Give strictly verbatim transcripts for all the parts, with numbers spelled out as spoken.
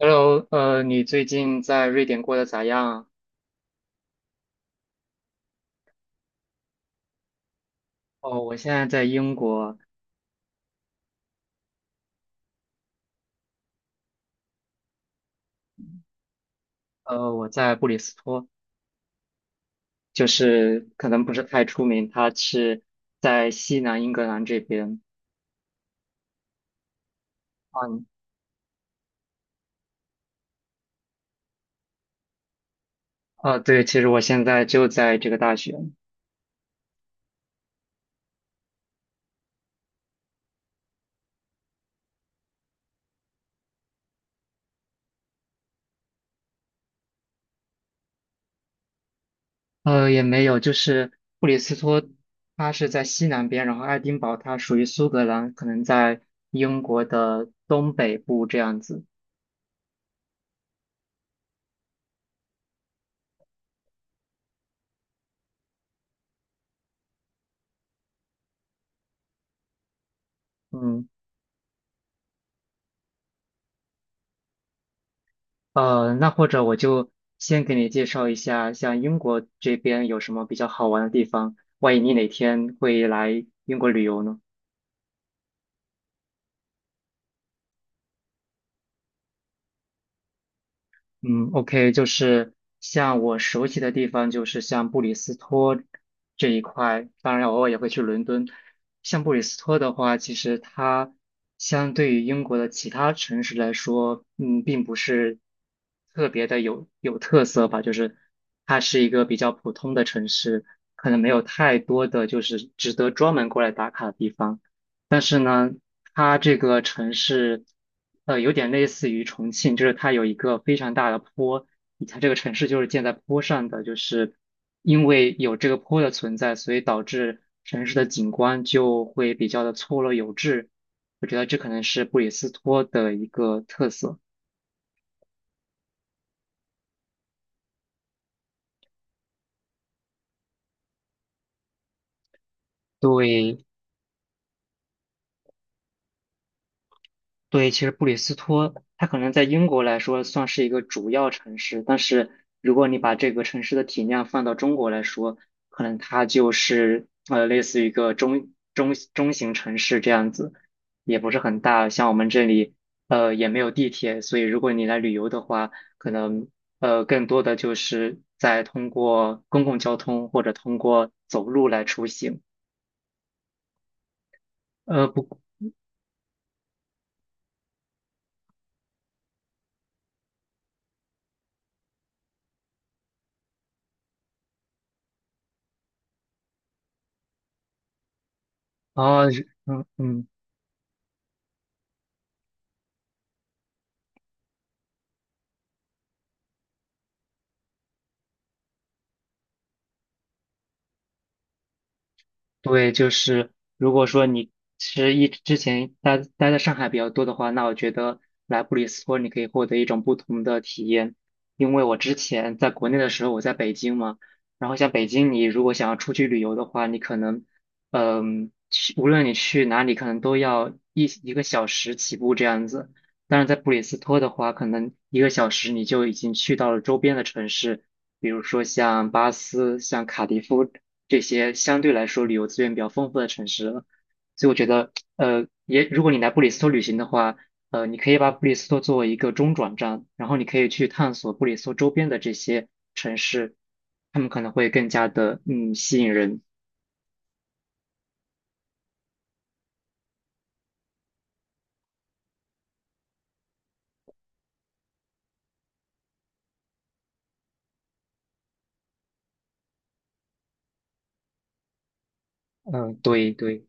Hello，呃，你最近在瑞典过得咋样？哦，我现在在英国，呃，我在布里斯托，就是可能不是太出名，它是在西南英格兰这边。嗯，哦，对，其实我现在就在这个大学，呃，也没有，就是布里斯托，它是在西南边，然后爱丁堡它属于苏格兰，可能在英国的东北部这样子。嗯。呃，那或者我就先给你介绍一下，像英国这边有什么比较好玩的地方，万一你哪天会来英国旅游呢？嗯，OK，就是像我熟悉的地方，就是像布里斯托这一块，当然偶尔也会去伦敦。像布里斯托的话，其实它相对于英国的其他城市来说，嗯，并不是特别的有有特色吧，就是它是一个比较普通的城市，可能没有太多的就是值得专门过来打卡的地方。它这个城市，呃，有点类似于重庆，就是它有一个非常大的坡，它这个城市就是建在坡上的，就是因为有这个坡的存在，所以导致城市的景观就会比较的错落有致。我觉得这可能是布里斯托的一个特色。对，对，其实布里斯托它可能在英国来说算是一个主要城市，但是如果你把这个城市的体量放到中国来说，可能它就是呃类似于一个中中中型城市这样子，也不是很大。像我们这里呃也没有地铁，所以如果你来旅游的话，可能呃更多的就是在通过公共交通或者通过走路来出行。呃不啊嗯嗯。对，就是如果说你是一之前待待在上海比较多的话，那我觉得来布里斯托你可以获得一种不同的体验。因为我之前在国内的时候，我在北京嘛，然后像北京，你如果想要出去旅游的话，你可能，嗯，去无论你去哪里，可能都要一一个小时起步这样子。但是在布里斯托的话，可能一个小时你就已经去到了周边的城市，比如说像巴斯、像卡迪夫。这些相对来说旅游资源比较丰富的城市了。所以我觉得，呃，也如果你来布里斯托旅行的话，呃，你可以把布里斯托作为一个中转站，然后你可以去探索布里斯托周边的这些城市，他们可能会更加的嗯吸引人。嗯，对对，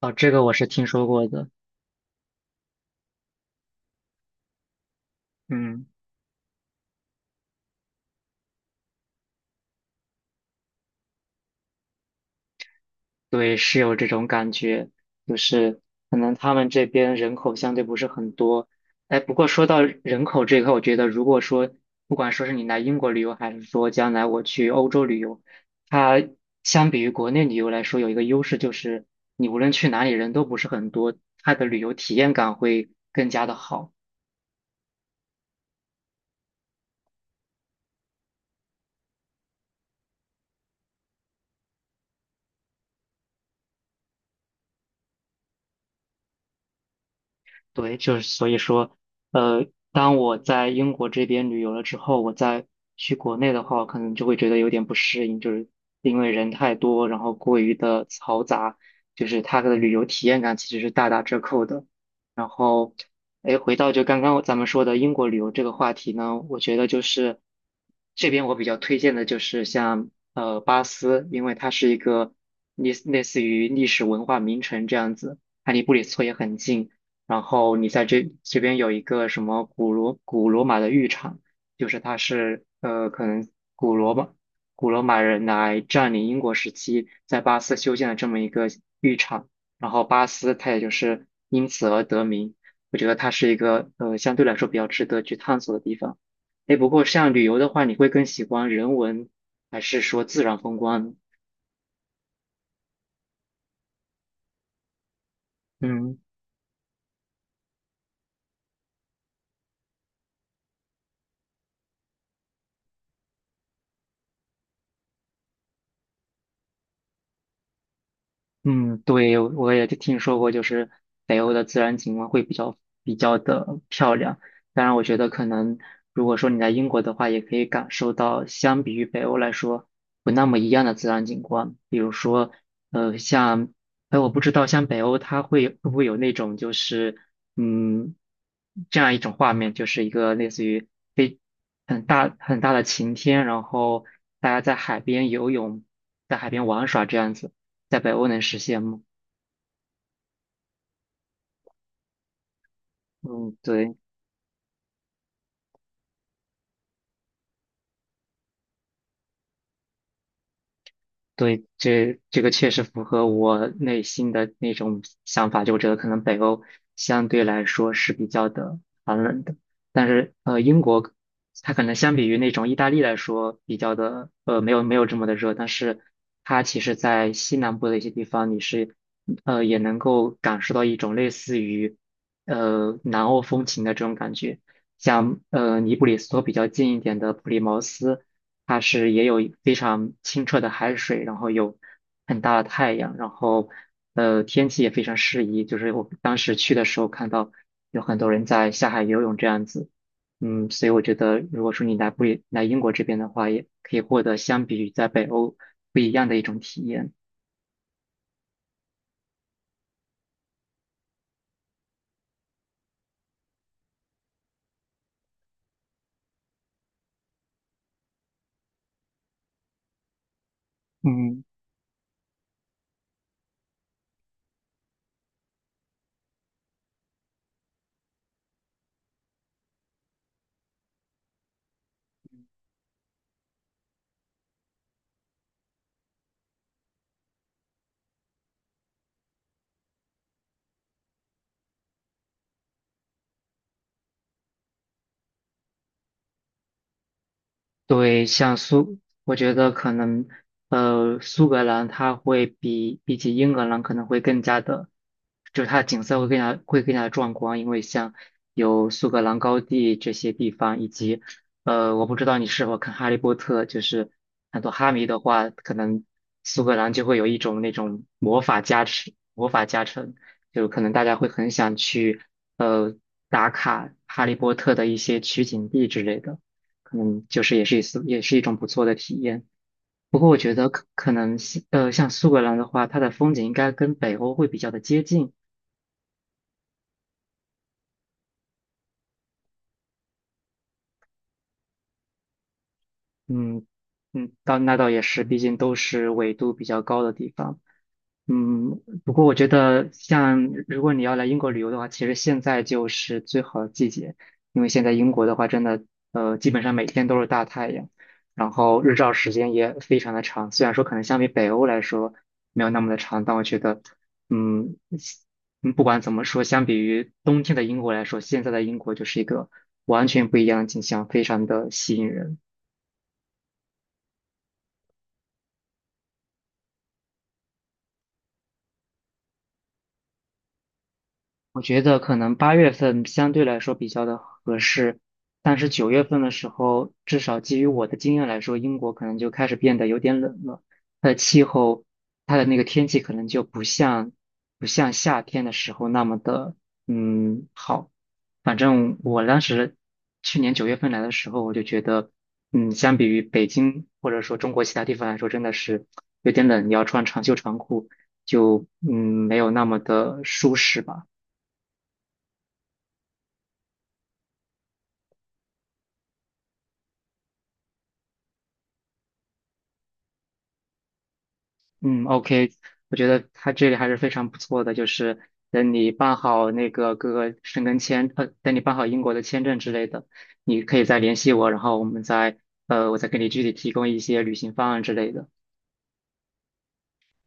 哦，这个我是听说过的。嗯。对，是有这种感觉，就是可能他们这边人口相对不是很多。哎，不过说到人口这一块，我觉得如果说不管说是你来英国旅游，还是说将来我去欧洲旅游，它相比于国内旅游来说，有一个优势就是你无论去哪里人都不是很多，它的旅游体验感会更加的好。对，就是所以说，呃，当我在英国这边旅游了之后，我再去国内的话，我可能就会觉得有点不适应，就是因为人太多，然后过于的嘈杂，就是它的旅游体验感其实是大打折扣的。然后，哎，回到就刚刚咱们说的英国旅游这个话题呢，我觉得就是这边我比较推荐的就是像呃巴斯，因为它是一个类类似于历史文化名城这样子，它离布里斯托也很近。然后你在这这边有一个什么古罗古罗马的浴场，就是它是呃可能古罗马古罗马人来占领英国时期在巴斯修建的这么一个浴场，然后巴斯它也就是因此而得名。我觉得它是一个呃相对来说比较值得去探索的地方。哎，不过像旅游的话，你会更喜欢人文还是说自然风光呢？嗯。嗯，对，我也就听说过，就是北欧的自然景观会比较比较的漂亮。当然，我觉得可能如果说你在英国的话，也可以感受到相比于北欧来说不那么一样的自然景观。比如说，呃，像，哎，我不知道像北欧它会会不会有那种就是嗯这样一种画面，就是一个类似于非很大很大的晴天，然后大家在海边游泳，在海边玩耍这样子。在北欧能实现吗？嗯，对对，这这个确实符合我内心的那种想法，就我觉得可能北欧相对来说是比较的寒冷的，但是呃，英国它可能相比于那种意大利来说比较的呃没有没有这么的热，但是它其实在西南部的一些地方你是呃也能够感受到一种类似于呃南欧风情的这种感觉。像呃尼布里斯托比较近一点的普利茅斯，它是也有非常清澈的海水，然后有很大的太阳，然后呃天气也非常适宜。就是我当时去的时候看到有很多人在下海游泳这样子，嗯，所以我觉得如果说你来不来英国这边的话，也可以获得相比于在北欧不一样的一种体验。嗯，对，像苏，我觉得可能，呃，苏格兰它会比比起英格兰可能会更加的，就是它的景色会更加会更加的壮观，因为像有苏格兰高地这些地方，以及，呃，我不知道你是否看《哈利波特》，就是很多哈迷的话，可能苏格兰就会有一种那种魔法加持，魔法加成，就可能大家会很想去，呃，打卡《哈利波特》的一些取景地之类的。可能就是也是一次也是一种不错的体验。不过我觉得可可能西呃像苏格兰的话，它的风景应该跟北欧会比较的接近，嗯嗯，倒那倒也是，毕竟都是纬度比较高的地方。嗯，不过我觉得像如果你要来英国旅游的话，其实现在就是最好的季节，因为现在英国的话，真的呃基本上每天都是大太阳，然后日照时间也非常的长。虽然说可能相比北欧来说没有那么的长，但我觉得嗯嗯不管怎么说，相比于冬天的英国来说，现在的英国就是一个完全不一样的景象，非常的吸引人。我觉得可能八月份相对来说比较的合适，但是九月份的时候，至少基于我的经验来说，英国可能就开始变得有点冷了。它的气候，它的那个天气可能就不像不像夏天的时候那么的嗯好。反正我当时去年九月份来的时候，我就觉得，嗯，相比于北京或者说中国其他地方来说，真的是有点冷，要穿长袖长裤，就嗯没有那么的舒适吧。嗯，OK，我觉得他这里还是非常不错的，就是等你办好那个各个申根签，呃，等你办好英国的签证之类的，你可以再联系我，然后我们再，呃，我再给你具体提供一些旅行方案之类的。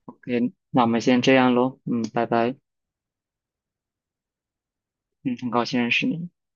OK，那我们先这样喽，嗯，拜拜，嗯，很高兴认识你。